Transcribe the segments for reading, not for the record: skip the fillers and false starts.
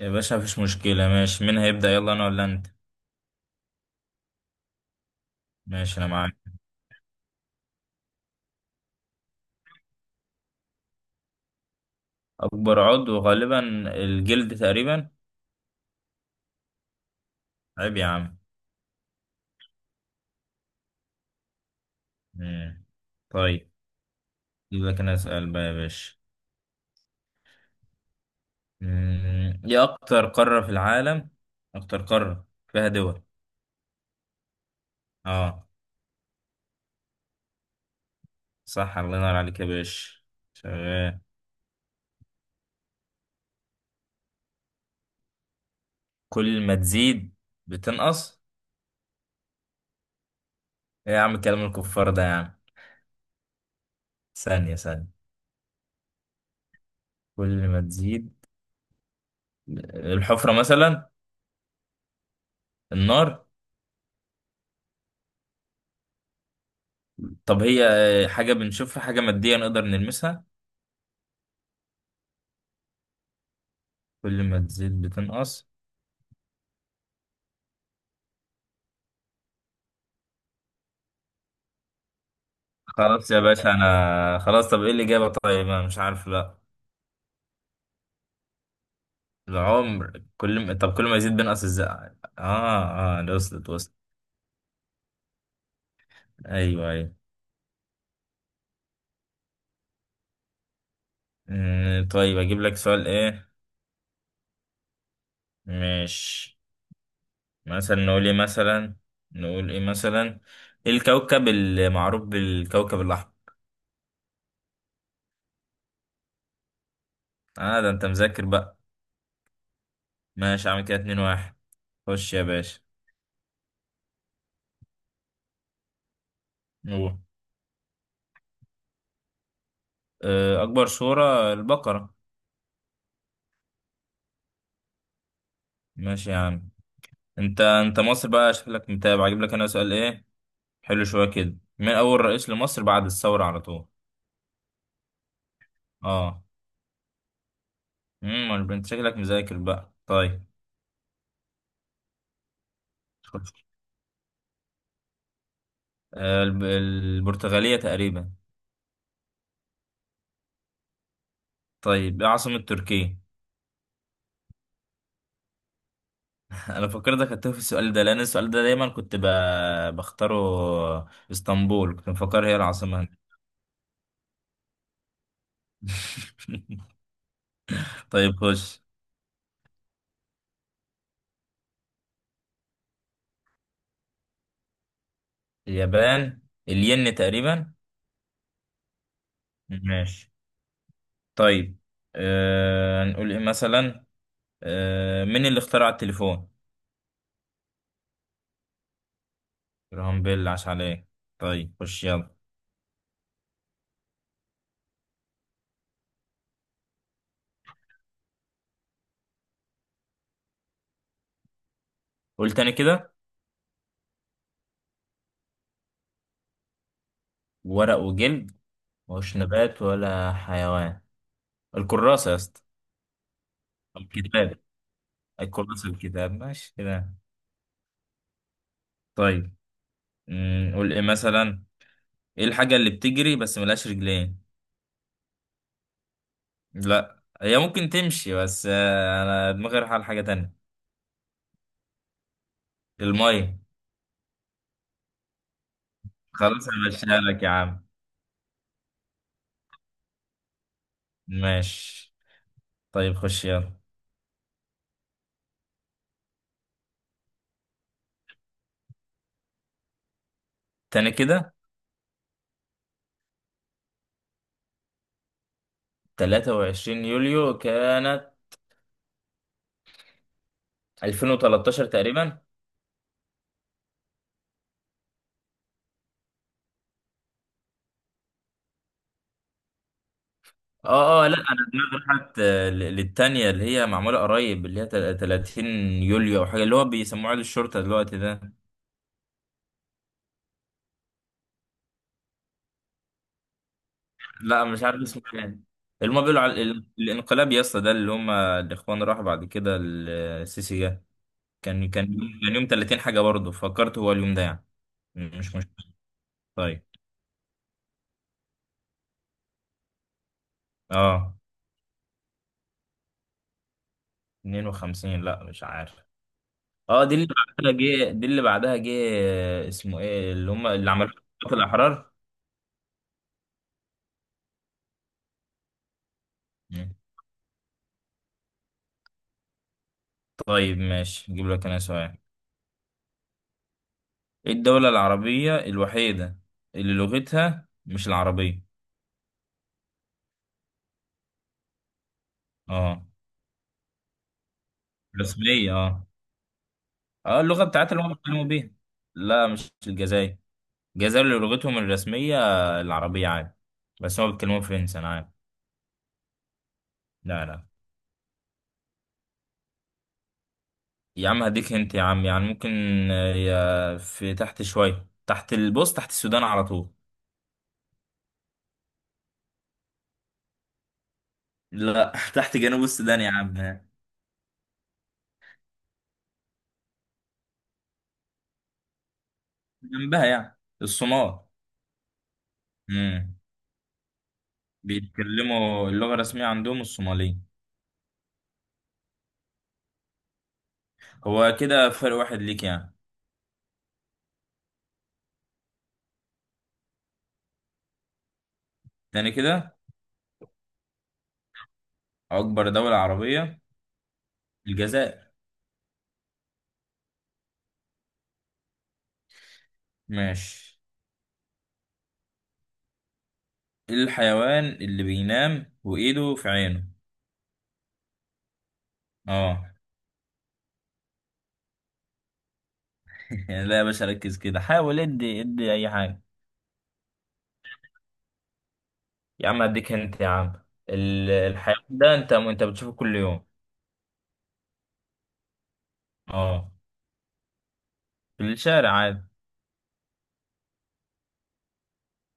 يا باشا مفيش مشكلة، ماشي. مين هيبدأ؟ يلا أنا ولا أنت؟ ماشي أنا معاك. أكبر عضو غالبا الجلد تقريبا. عيب يا عم. مم. طيب أجيب لك، أنا أسأل بقى يا باشا. إيه أكتر قارة في العالم؟ أكتر قارة فيها دول. أه صح، الله ينور عليك يا باشا، شغال. كل ما تزيد بتنقص؟ إيه يا عم كلام الكفار ده يا عم! ثانية ثانية. كل ما تزيد الحفرة مثلا؟ النار؟ طب هي حاجة بنشوفها، حاجة مادية نقدر نلمسها؟ كل ما تزيد بتنقص. خلاص يا باشا أنا خلاص، طب إيه الإجابة؟ طيب أنا مش عارف، لا. العمر كل ما، طب كل ما يزيد بينقص إزاي؟ آه آه، ده وصلت وصلت. أيوه أيوه. طيب، أجيب لك سؤال إيه؟ مش مثلا نقول إيه مثلا، نقول إيه مثلا؟ إيه الكوكب المعروف بالكوكب الأحمر؟ آه ده أنت مذاكر بقى. ماشي، عامل كده 2-1. خش يا باشا. أكبر سورة البقرة. ماشي يا عم. أنت مصر بقى، شكلك متابع. أجيب لك أنا سؤال إيه؟ حلو شوية كده، مين أول رئيس لمصر بعد الثورة على طول؟ أه. امم، أنت شكلك مذاكر بقى. طيب خش. البرتغالية تقريبا. طيب إيه عاصمة تركيا؟ أنا فكرتك هتوه في السؤال ده، لأن السؤال ده دايما بختاره. اسطنبول كنت مفكر هي العاصمة هنا. طيب خش. اليابان الين تقريبا. ماشي. طيب هنقول ايه مثلا؟ آه، مين اللي اخترع التليفون؟ جراهام بيل، عاش عليه. طيب خش يلا. قول تاني كده. ورق وجلد، مش نبات ولا حيوان؟ الكراسة يا اسطى. الكتاب. الكراسة، الكتاب، ماشي كده. طيب مم، قول ايه مثلا؟ ايه الحاجة اللي بتجري بس ملهاش رجلين؟ لا، هي ممكن تمشي بس انا دماغي رايحة على حاجة تانية. المية. خلاص انا ماشيها لك يا عم. ماشي، طيب خش يلا. تاني كده. 23 يوليو كانت 2013 تقريبا. اه اه، لا انا دماغي راحت للتانية اللي هي معمولة قريب، اللي هي 30 يوليو او حاجة، اللي هو بيسموه عيد الشرطة دلوقتي ده. لا مش عارف اسمه ايه. اللي هما بيقولوا على الانقلاب يا اسطى ده، اللي هما الاخوان راحوا بعد كده السيسي جه. كان كان يوم 30 حاجة، برضه فكرت هو اليوم ده يعني. مش. طيب اه. 52 لا مش عارف. اه دي اللي بعدها جه، دي اللي بعدها جه. آه، اسمه ايه اللي هم اللي عملوا؟ في الاحرار. مم. طيب ماشي، اجيب لك انا سؤال. ايه الدولة العربية الوحيدة اللي لغتها مش العربية؟ اه. الرسمية اه. اه اللغة بتاعتها اللي هم بيتكلموا بيها. لا مش الجزائر. الجزائر اللي لغتهم الرسمية العربية عادي، بس هم بيتكلموا فرنسي انا عارف. لا لا يا عم، هديك انت يا عم يعني ممكن. في تحت شوية، تحت البوست، تحت السودان على طول. لا تحت جنوب السودان يا عم. جنبها، يعني الصومال. امم. بيتكلموا اللغة الرسمية عندهم الصومالية. هو كده فرق واحد ليك يعني. تاني كده. أكبر دولة عربية الجزائر. ماشي. إيه الحيوان اللي بينام وإيده في عينه؟ اه. لا يا باشا، ركز كده، حاول ادي ادي أي حاجة. يا عم أديك أنت يا عم. الحيوان ده أنت بتشوفه كل يوم. اه. في الشارع عادي.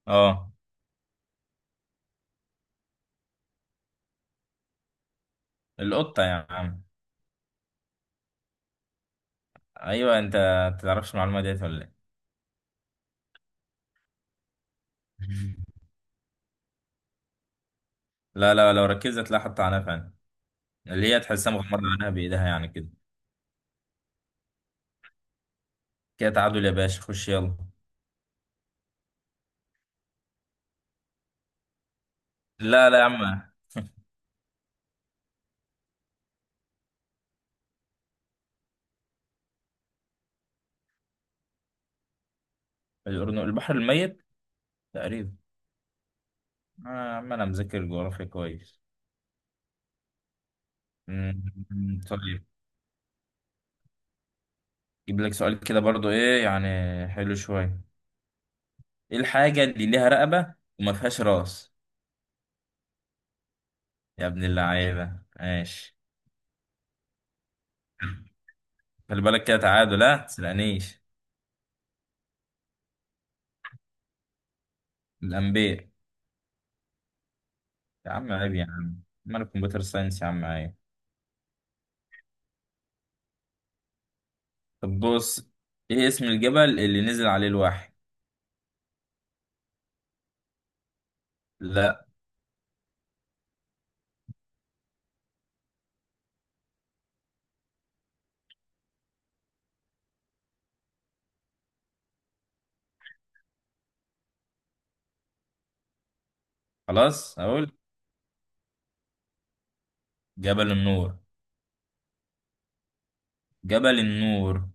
اه. القطة يا عم. ايوه انت، تعرفش المعلومه ديت ولا ايه؟ لا لا، لو ركزت هتلاقي حط عنها فعلا، اللي هي تحسها مغمضه عنها بايدها يعني كده. كده تعادل يا باشا، خش يلا. لا لا يا عم. الأردن البحر الميت تقريبا. آه يا عم انا مذاكر جغرافيا كويس. أمم، طيب. جيب لك سؤال كده برضو ايه يعني، حلو شويه. ايه الحاجه اللي ليها رقبه وما فيهاش راس؟ يا ابن اللعيبه ماشي. خلي بالك كده تعادل، لا تسرقنيش. الانبياء. يا عم عيب يا عم، ما انا كمبيوتر ساينس يا عم، عيب. طب بص. ايه اسم الجبل اللي نزل عليه الوحي؟ لا. خلاص اقول. جبل النور. جبل النور.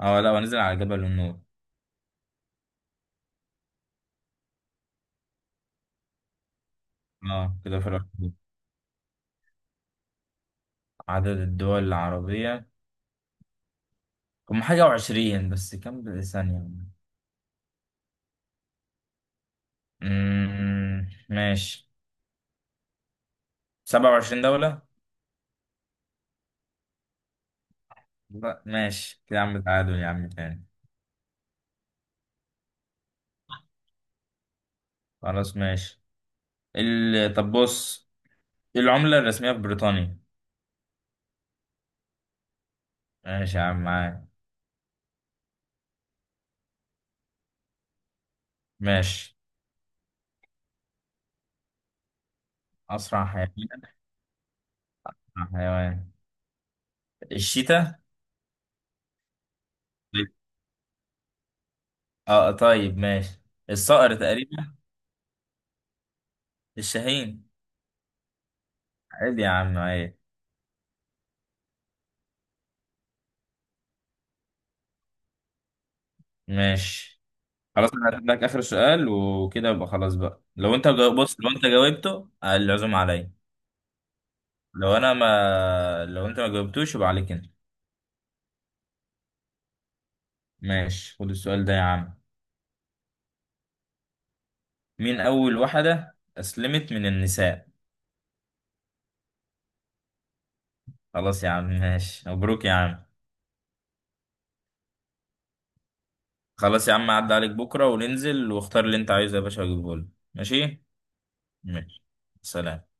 اه، لا هو نزل على جبل النور. اه كده في الأخير. عدد الدول العربية هم حاجة وعشرين، بس كم ثانية. ماشي. 27 دولة. لا ماشي كده يا عم، تعادل يا عم تاني. خلاص ماشي. طب بص، إيه العملة الرسمية في بريطانيا؟ ماشي يا عم معاك. ماشي. أسرع حيوان. أسرع حيوان الشيتا. طيب. اه طيب ماشي، الصقر تقريبا. الشاهين. عادي يا عم عادي. ماشي. خلاص انا هجيب لك اخر سؤال وكده يبقى خلاص بقى. لو انت جاوب، بص لو انت جاوبته العزوم عليا. لو انت ما جاوبتوش يبقى عليك انت. ماشي، خد السؤال ده يا عم. مين اول واحدة اسلمت من النساء؟ خلاص يا عم ماشي، مبروك يا عم. خلاص يا عم، عدى عليك بكرة وننزل واختار اللي انت عايزه يا باشا واجيبه لك. ماشي. ماشي. سلام.